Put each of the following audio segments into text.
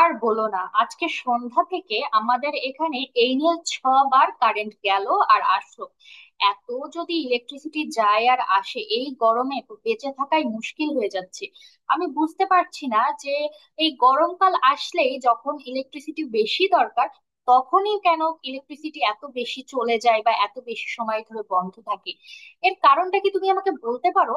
আর বলো না, আজকে সন্ধ্যা থেকে আমাদের এখানে এই নিয়ে ছবার কারেন্ট গেল আর আসলো। এত যদি ইলেকট্রিসিটি যায় আর আসে এই গরমে তো বেঁচে থাকাই মুশকিল হয়ে যাচ্ছে। আমি বুঝতে পারছি না যে এই গরমকাল আসলেই যখন ইলেকট্রিসিটি বেশি দরকার, তখনই কেন ইলেকট্রিসিটি এত বেশি চলে যায় বা এত বেশি সময় ধরে বন্ধ থাকে? এর কারণটা কি তুমি আমাকে বলতে পারো?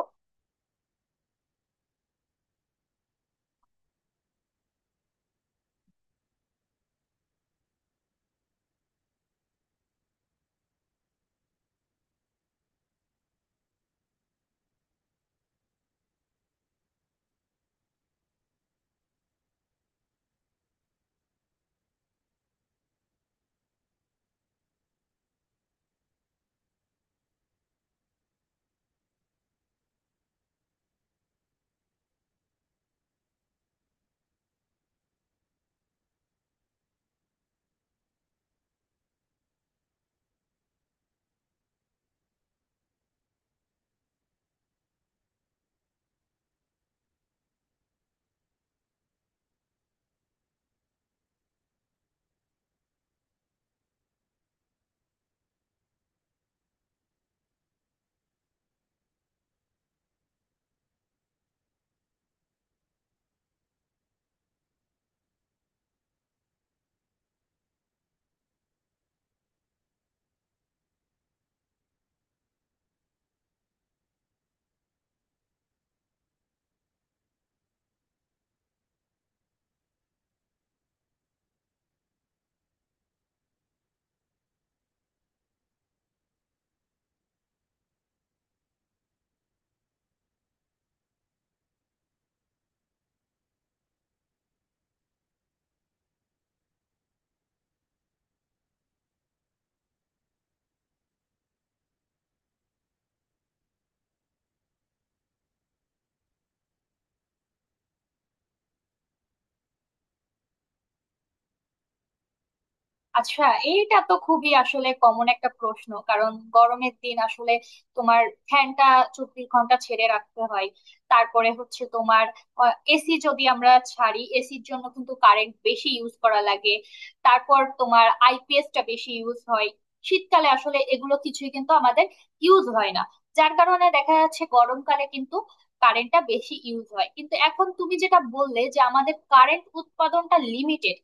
আচ্ছা, এইটা তো খুবই আসলে কমন একটা প্রশ্ন। কারণ গরমের দিন আসলে তোমার ফ্যানটা 24 ঘন্টা ছেড়ে রাখতে হয়। তারপরে হচ্ছে তোমার এসি যদি আমরা ছাড়ি, এসির জন্য কিন্তু কারেন্ট বেশি ইউজ করা লাগে। তারপর তোমার আইপিএসটা বেশি ইউজ হয়। শীতকালে আসলে এগুলো কিছুই কিন্তু আমাদের ইউজ হয় না। যার কারণে দেখা যাচ্ছে গরমকালে কিন্তু কারেন্টটা বেশি ইউজ হয়। কিন্তু এখন তুমি যেটা বললে যে আমাদের কারেন্ট উৎপাদনটা লিমিটেড,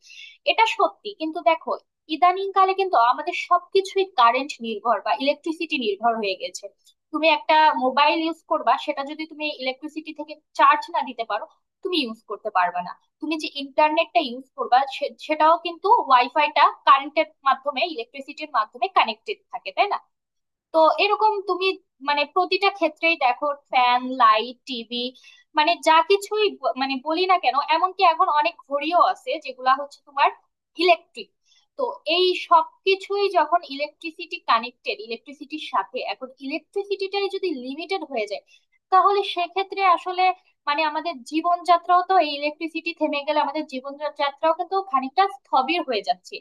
এটা সত্যি। কিন্তু দেখো, ইদানিং কালে কিন্তু আমাদের সবকিছুই কারেন্ট নির্ভর বা ইলেকট্রিসিটি নির্ভর হয়ে গেছে। তুমি একটা মোবাইল ইউজ করবা, সেটা যদি তুমি ইলেকট্রিসিটি থেকে চার্জ না দিতে পারো তুমি ইউজ করতে পারবে না। তুমি যে ইন্টারনেটটা ইউজ করবা সেটাও কিন্তু ওয়াইফাইটা কারেন্টের মাধ্যমে ইলেকট্রিসিটির মাধ্যমে কানেক্টেড থাকে, তাই না? তো এরকম তুমি মানে প্রতিটা ক্ষেত্রেই দেখো, ফ্যান লাইট টিভি, মানে যা কিছুই মানে বলি না কেন, এমনকি এখন অনেক ঘড়িও আছে যেগুলা হচ্ছে তোমার ইলেকট্রিক। তো এই সব কিছুই যখন ইলেকট্রিসিটি কানেক্টেড ইলেকট্রিসিটির সাথে, এখন ইলেকট্রিসিটিটাই যদি লিমিটেড হয়ে যায় তাহলে সেক্ষেত্রে আসলে মানে আমাদের জীবনযাত্রাও তো, এই ইলেকট্রিসিটি থেমে গেলে আমাদের জীবনযাত্রাও কিন্তু খানিকটা স্থবির হয়ে যাচ্ছে।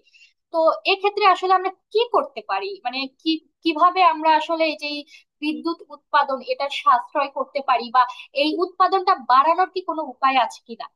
তো এক্ষেত্রে আসলে আমরা কি করতে পারি, মানে কি, কিভাবে আমরা আসলে এই যে এই বিদ্যুৎ উৎপাদন এটা সাশ্রয় করতে পারি বা এই উৎপাদনটা বাড়ানোর কি কোনো উপায় আছে কিনা?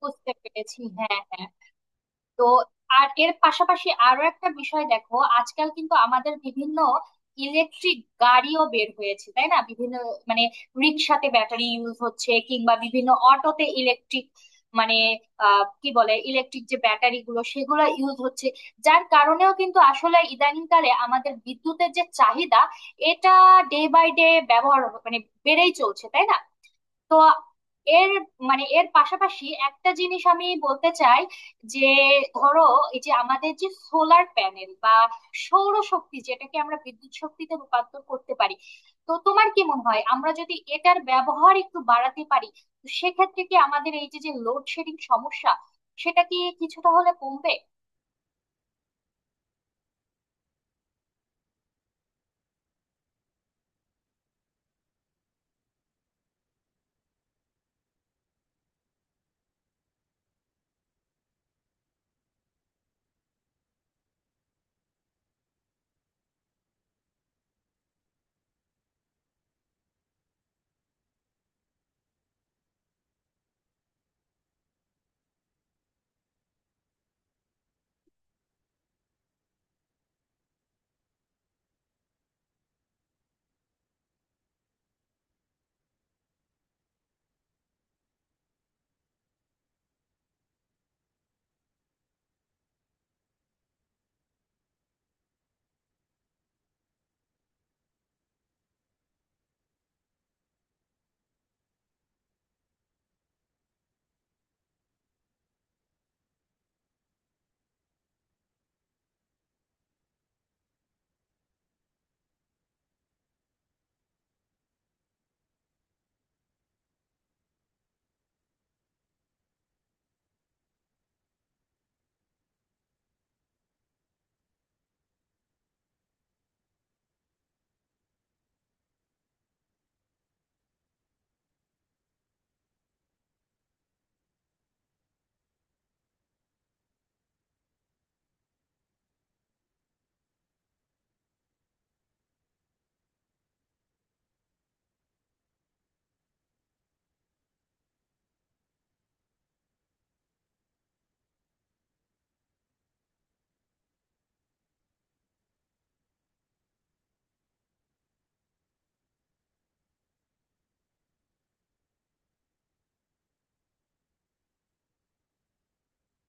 বুঝতে পেরেছি, হ্যাঁ, হ্যাঁ। তো আর এর পাশাপাশি আরো একটা বিষয় দেখো, আজকাল কিন্তু আমাদের বিভিন্ন ইলেকট্রিক গাড়িও বের হয়েছে, তাই না? বিভিন্ন মানে রিক্সাতে ব্যাটারি ইউজ হচ্ছে, কিংবা বিভিন্ন অটোতে ইলেকট্রিক মানে আহ কি বলে, ইলেকট্রিক যে ব্যাটারি গুলো সেগুলো ইউজ হচ্ছে। যার কারণেও কিন্তু আসলে ইদানিংকালে আমাদের বিদ্যুতের যে চাহিদা, এটা ডে বাই ডে ব্যবহার মানে বেড়েই চলছে, তাই না? তো এর মানে এর পাশাপাশি একটা জিনিস আমি বলতে চাই যে ধরো, এই যে আমাদের যে সোলার প্যানেল বা সৌরশক্তি যেটাকে আমরা বিদ্যুৎ শক্তিতে রূপান্তর করতে পারি, তো তোমার কি মনে হয় আমরা যদি এটার ব্যবহার একটু বাড়াতে পারি তো সেক্ষেত্রে কি আমাদের এই যে যে লোডশেডিং সমস্যা সেটা কি কিছুটা হলে কমবে?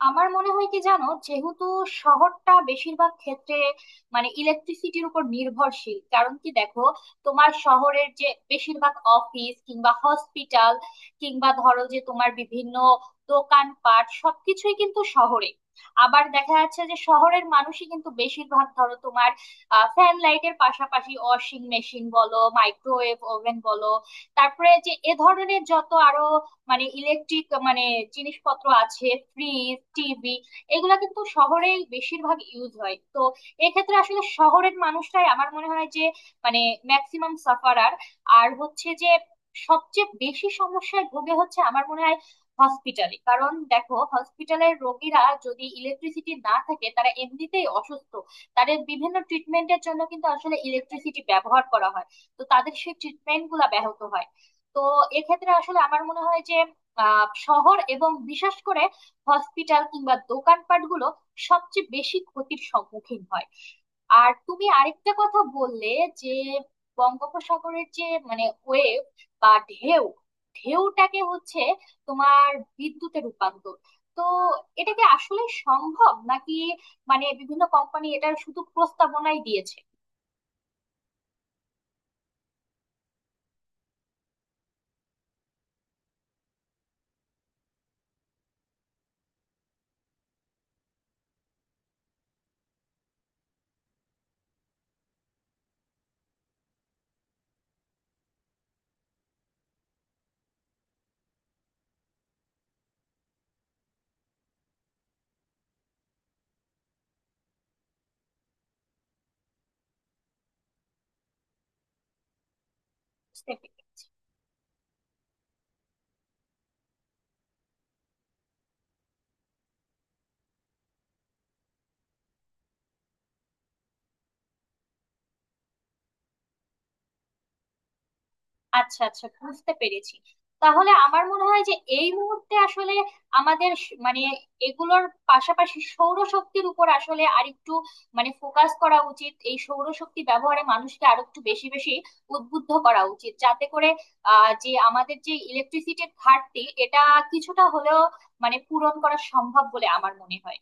আমার মনে হয় কি জানো, যেহেতু শহরটা বেশিরভাগ ক্ষেত্রে মানে ইলেকট্রিসিটির উপর নির্ভরশীল। কারণ কি, দেখো, তোমার শহরের যে বেশিরভাগ অফিস কিংবা হসপিটাল কিংবা ধরো যে তোমার বিভিন্ন দোকানপাট সবকিছুই কিন্তু শহরে। আবার দেখা যাচ্ছে যে শহরের মানুষই কিন্তু বেশিরভাগ, ধরো তোমার ফ্যান লাইটের পাশাপাশি ওয়াশিং মেশিন বলো, মাইক্রোওয়েভ ওভেন বলো, তারপরে যে এ ধরনের যত আরো মানে ইলেকট্রিক মানে জিনিসপত্র আছে, ফ্রিজ টিভি, এগুলা কিন্তু শহরে বেশিরভাগ ইউজ হয়। তো এক্ষেত্রে আসলে শহরের মানুষরাই আমার মনে হয় যে মানে ম্যাক্সিমাম সাফারার। আর হচ্ছে যে সবচেয়ে বেশি সমস্যায় ভোগে হচ্ছে আমার মনে হয় হসপিটালে। কারণ দেখো, হসপিটালের রোগীরা, যদি ইলেকট্রিসিটি না থাকে, তারা এমনিতেই অসুস্থ, তাদের বিভিন্ন ট্রিটমেন্টের জন্য কিন্তু আসলে ইলেকট্রিসিটি ব্যবহার করা হয়, তো তাদের সেই ট্রিটমেন্ট গুলা ব্যাহত হয়। তো এক্ষেত্রে আসলে আমার মনে হয় যে শহর এবং বিশেষ করে হসপিটাল কিংবা দোকানপাট গুলো সবচেয়ে বেশি ক্ষতির সম্মুখীন হয়। আর তুমি আরেকটা কথা বললে যে বঙ্গোপসাগরের যে মানে ওয়েভ বা ঢেউ, ঢেউটাকে হচ্ছে তোমার বিদ্যুতে রূপান্তর, তো এটা কি আসলে সম্ভব নাকি মানে বিভিন্ন কোম্পানি এটার শুধু প্রস্তাবনাই দিয়েছে? বুঝতে পেরেছি। আচ্ছা আচ্ছা, বুঝতে পেরেছি। তাহলে আমার মনে হয় যে এই মুহূর্তে আসলে আমাদের মানে এগুলোর পাশাপাশি সৌরশক্তির উপর আসলে আরেকটু মানে ফোকাস করা উচিত। এই সৌরশক্তি ব্যবহারে মানুষকে আরো একটু বেশি বেশি উদ্বুদ্ধ করা উচিত, যাতে করে আহ যে আমাদের যে ইলেকট্রিসিটির ঘাটতি এটা কিছুটা হলেও মানে পূরণ করা সম্ভব বলে আমার মনে হয়।